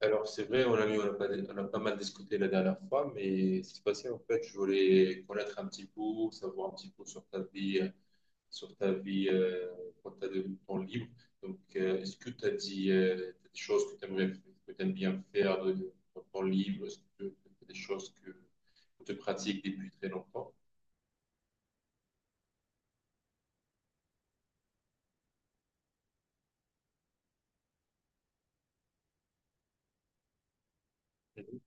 Alors, c'est vrai, on a pas mal discuté la dernière fois, mais c'est passé, en fait, je voulais connaître un petit peu, savoir un petit peu sur ta vie, sur ta vie euh, quand tu as de temps libre. Donc, est-ce que tu as dit des choses que tu aimes bien faire de ton temps libre? Est-ce que t'as des choses que tu pratiques depuis très longtemps? Mhm.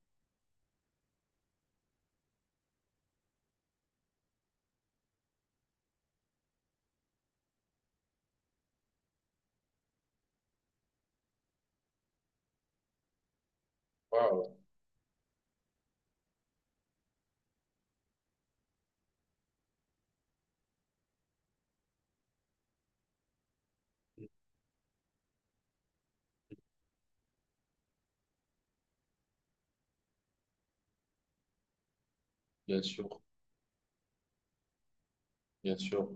Waouh. Bien sûr, bien sûr.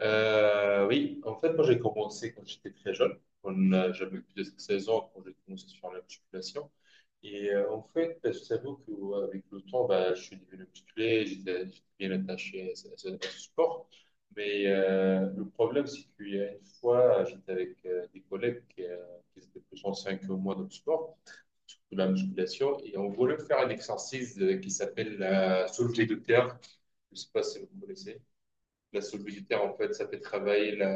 Oui, en fait, moi j'ai commencé quand j'étais très jeune. J'avais plus de 16 ans quand j'ai commencé sur la musculation. Et en fait, bah, je t'avoue qu'avec le temps, bah, je suis devenu musclé, j'étais bien attaché à ce sport. Mais le problème, c'est qu'il y a une fois, j'étais avec des collègues qui étaient plus anciens que moi dans le sport, surtout la musculation, et on voulait faire un exercice qui s'appelle la soulevée de terre. Je ne sais pas si vous connaissez la saule budgétaire, en fait, ça fait travailler la,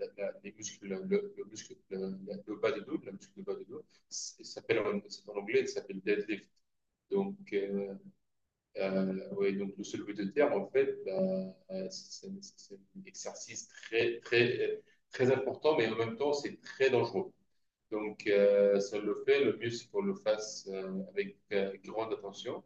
la- la- les muscles, le muscle, le bas du dos, la muscle du bas du dos. C'est en anglais, ça s'appelle deadlift. Donc, euh, ouais, donc le soulevé de terre, en fait, bah, un exercice très, très, très important, mais en même temps, c'est très dangereux. Donc, le mieux, c'est qu'on le fasse avec grande attention.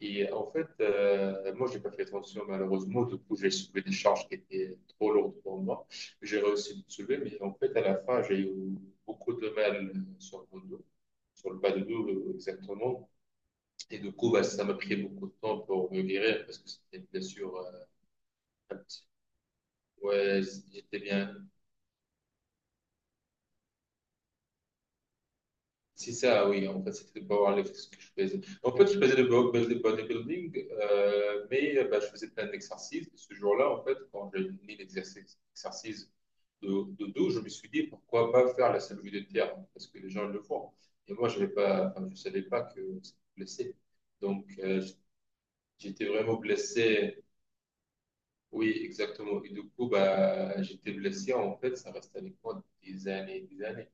Et en fait, moi, j'ai pas fait attention, malheureusement. Du coup, j'ai soulevé des charges qui étaient trop lourdes pour moi. J'ai réussi à les soulever, mais en fait, à la fin, j'ai eu beaucoup de mal sur mon dos, sur le bas de dos, exactement. Et du coup, bah, ça m'a pris beaucoup de temps pour me guérir parce que c'était une blessure un petit. Ouais, j'étais bien. C'est ça, oui. En fait, c'était de powerlifting ce que je faisais. En fait, je faisais le bodybuilding, mais bah, je faisais plein d'exercices. Ce jour-là, en fait, quand j'ai mis l'exercice, de, de dos, je me suis dit pourquoi pas faire la salle de terre parce que les gens le font. Et moi, j'avais pas, enfin, je ne savais pas que c'était blessé. Donc, j'étais vraiment blessé. Oui, exactement. Et du coup, bah, j'étais blessé. En fait, ça reste avec moi des années.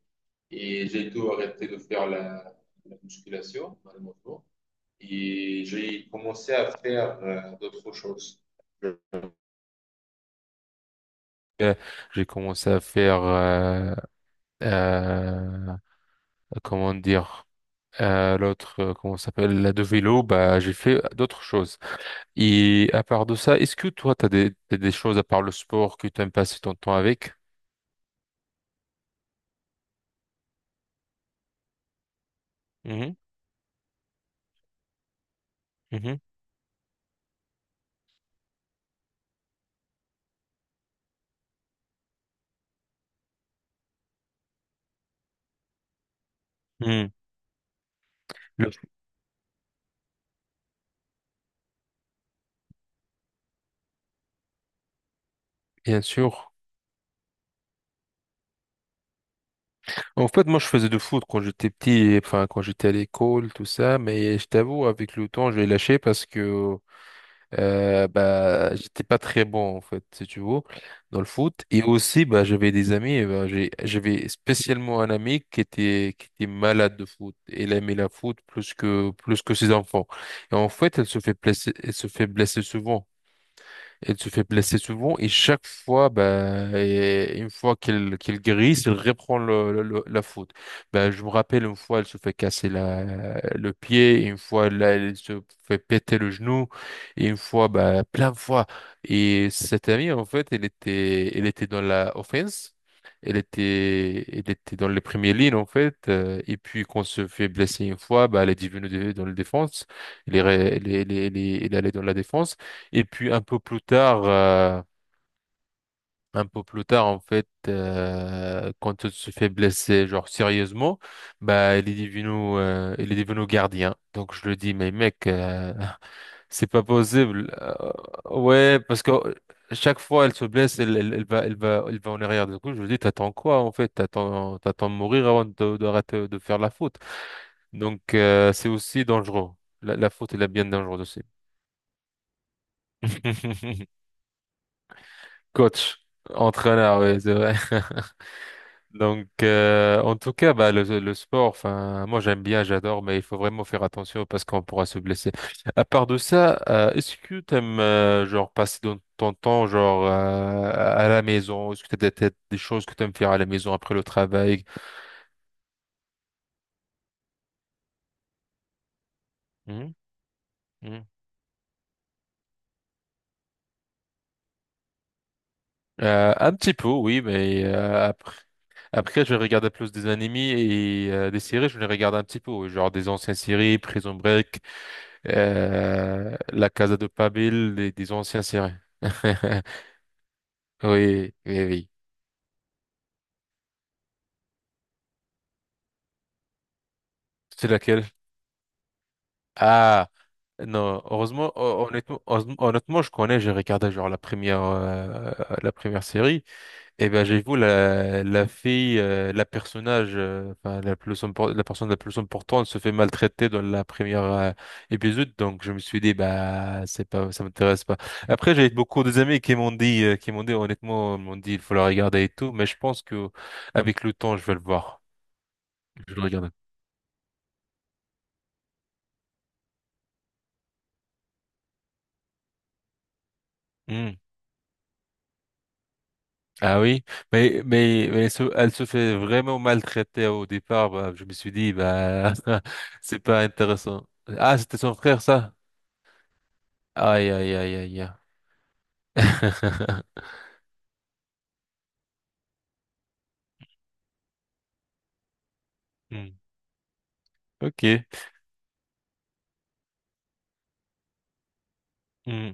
Et j'ai tout arrêté de faire la musculation, malheureusement. Et j'ai commencé à faire d'autres choses. Euh, J'ai commencé à faire, euh, comment dire, comment ça s'appelle, la de vélo, bah, j'ai fait d'autres choses. Et à part de ça, est-ce que toi, t'as des choses à part le sport que t'aimes passer ton temps avec? Mhm, mhm, mhm. Le- Bien sûr. En fait, moi, je faisais du foot quand j'étais petit, et, enfin, quand j'étais à l'école, tout ça, mais je t'avoue, avec le temps, j'ai lâché parce que bah, j'étais pas très bon en fait, si tu veux, dans le foot. Et aussi, bah, j'avais des amis. Et bah, j'avais spécialement un ami qui était malade de foot. Elle aimait la foot plus que ses enfants. Et en fait, elle se fait blesser souvent. Elle se fait blesser souvent et chaque fois, bah, et une fois qu'elle guérisse, elle reprend la faute. Bah, je me rappelle une fois, elle se fait casser le pied, et une fois, là, elle se fait péter le genou, et une fois, bah, plein de fois. Et cette amie, en fait, elle était dans la offense. Elle était dans les premières lignes, en fait. Et puis, quand elle se fait blesser une fois, bah, elle est devenue dans la défense. Elle est allée dans la défense. Et puis un peu plus tard, quand elle se fait blesser, genre sérieusement, bah il est devenu gardien. Donc je le dis, mais mec, c'est pas possible. Ouais, parce que chaque fois elle se blesse, elle va en arrière. Du coup, je lui dis, t'attends quoi en fait? T'attends de mourir avant d'arrêter de faire la faute. Donc c'est aussi dangereux. La faute, elle est bien dangereuse aussi. Coach, entraîneur, oui, c'est vrai. Donc, en tout cas, bah, le sport, enfin, moi j'aime bien, j'adore, mais il faut vraiment faire attention parce qu'on pourra se blesser. À part de ça, est-ce que t'aimes, genre, passer ton temps, genre, à la maison? Est-ce que t'as des choses que t'aimes faire à la maison après le travail? Mhm, mhm. Un petit peu, oui, mais après, je regardais plus des animés et des séries, je les regarde un petit peu, oui, genre des anciennes séries, Prison Break, La Casa de Papel, des anciens séries. Oui, oui, oui. C'est laquelle? Ah, non, heureusement, hon- honnêtement, heureusement- honnêtement, je connais, j'ai regardé genre la première série. Eh ben, j'avoue, la fille, la personnage, enfin, la personne la plus importante se fait maltraiter dans la première épisode, donc je me suis dit, bah, c'est pas, ça m'intéresse pas. Après, j'ai beaucoup des amis honnêtement, il faut la regarder et tout, mais je pense que, avec le temps, je vais le voir. Je vais le regarder. Hmm. Ah oui, mais elle se fait vraiment maltraiter au départ, bah, je me suis dit, bah, c'est pas intéressant. Ah, c'était son frère, ça? Aïe, aïe, aïe, aïe. Hmm. Ok. Hmm.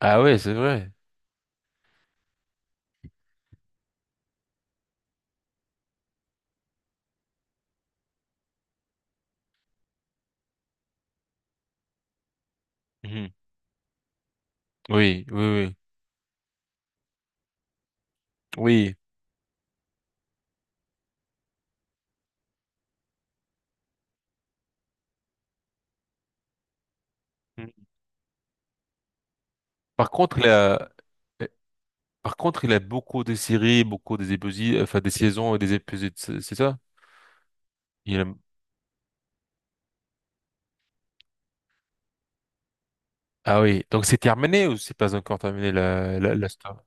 Ah ouais, c'est vrai. Mhm. Oui, oui, oui, oui. Hmm. Par contre, il a, euh, Par contre, il a beaucoup de séries, beaucoup des épisodes, enfin des saisons et des épisodes, c'est ça? Il a- Ah oui. Donc c'est terminé ou c'est pas encore terminé la, la, la story?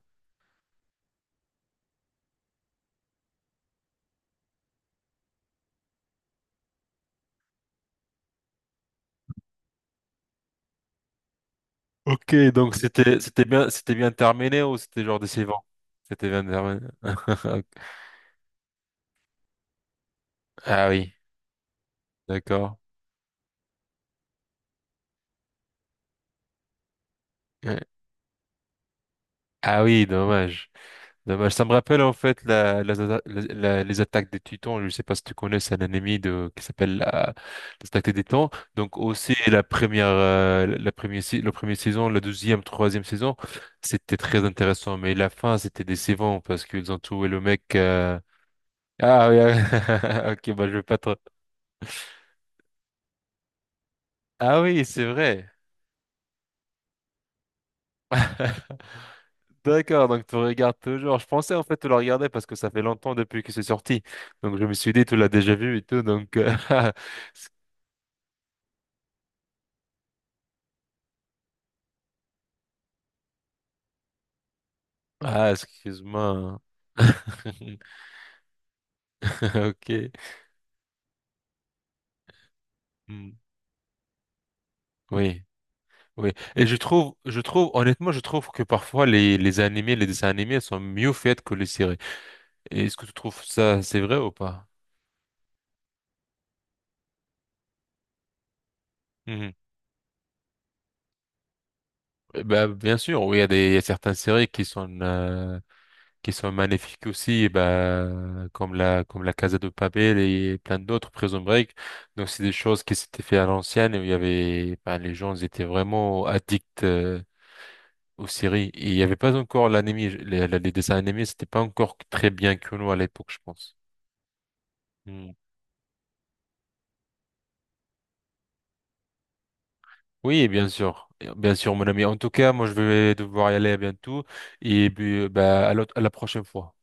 Ok, donc c'était bien terminé ou c'était genre décevant? C'était bien terminé. Ah oui, d'accord. Ouais. Ah oui, dommage. Dommage. Ça me rappelle en fait les attaques des Titans. Je ne sais pas si tu connais, c'est un anime qui s'appelle les attaques des Titans. Donc aussi la première, si- la première saison, la deuxième, troisième saison, c'était très intéressant. Mais la fin, c'était décevant parce qu'ils ont trouvé le mec. Ah oui, ah oui. Ok, bah je vais pas trop. Ah oui, c'est vrai. D'accord, donc tu regardes toujours. Je pensais en fait tu la regardais parce que ça fait longtemps depuis que c'est sorti. Donc je me suis dit tu l'as déjà vu et tout. Donc ah excuse-moi. Ok. Hmm. Oui, oui. Et je trouve que parfois les animés, les dessins animés sont mieux faits que les séries. Et est-ce que tu trouves ça c'est vrai ou pas? Mhm. Eh ben bien sûr, oui, il y a certaines séries qui sont magnifiques aussi, et ben, comme la Casa de Papel et plein d'autres, Prison Break. Donc, c'est des choses qui s'étaient fait à l'ancienne et où il y avait, ben, les gens ils étaient vraiment addicts aux séries. Et il n'y avait pas encore l'anime, les dessins animés, c'était pas encore très bien connu à l'époque, je pense. Hmm. Oui, bien sûr. Bien sûr, mon ami. En tout cas, moi, je vais devoir y aller bientôt. Et puis, bah, à la prochaine fois.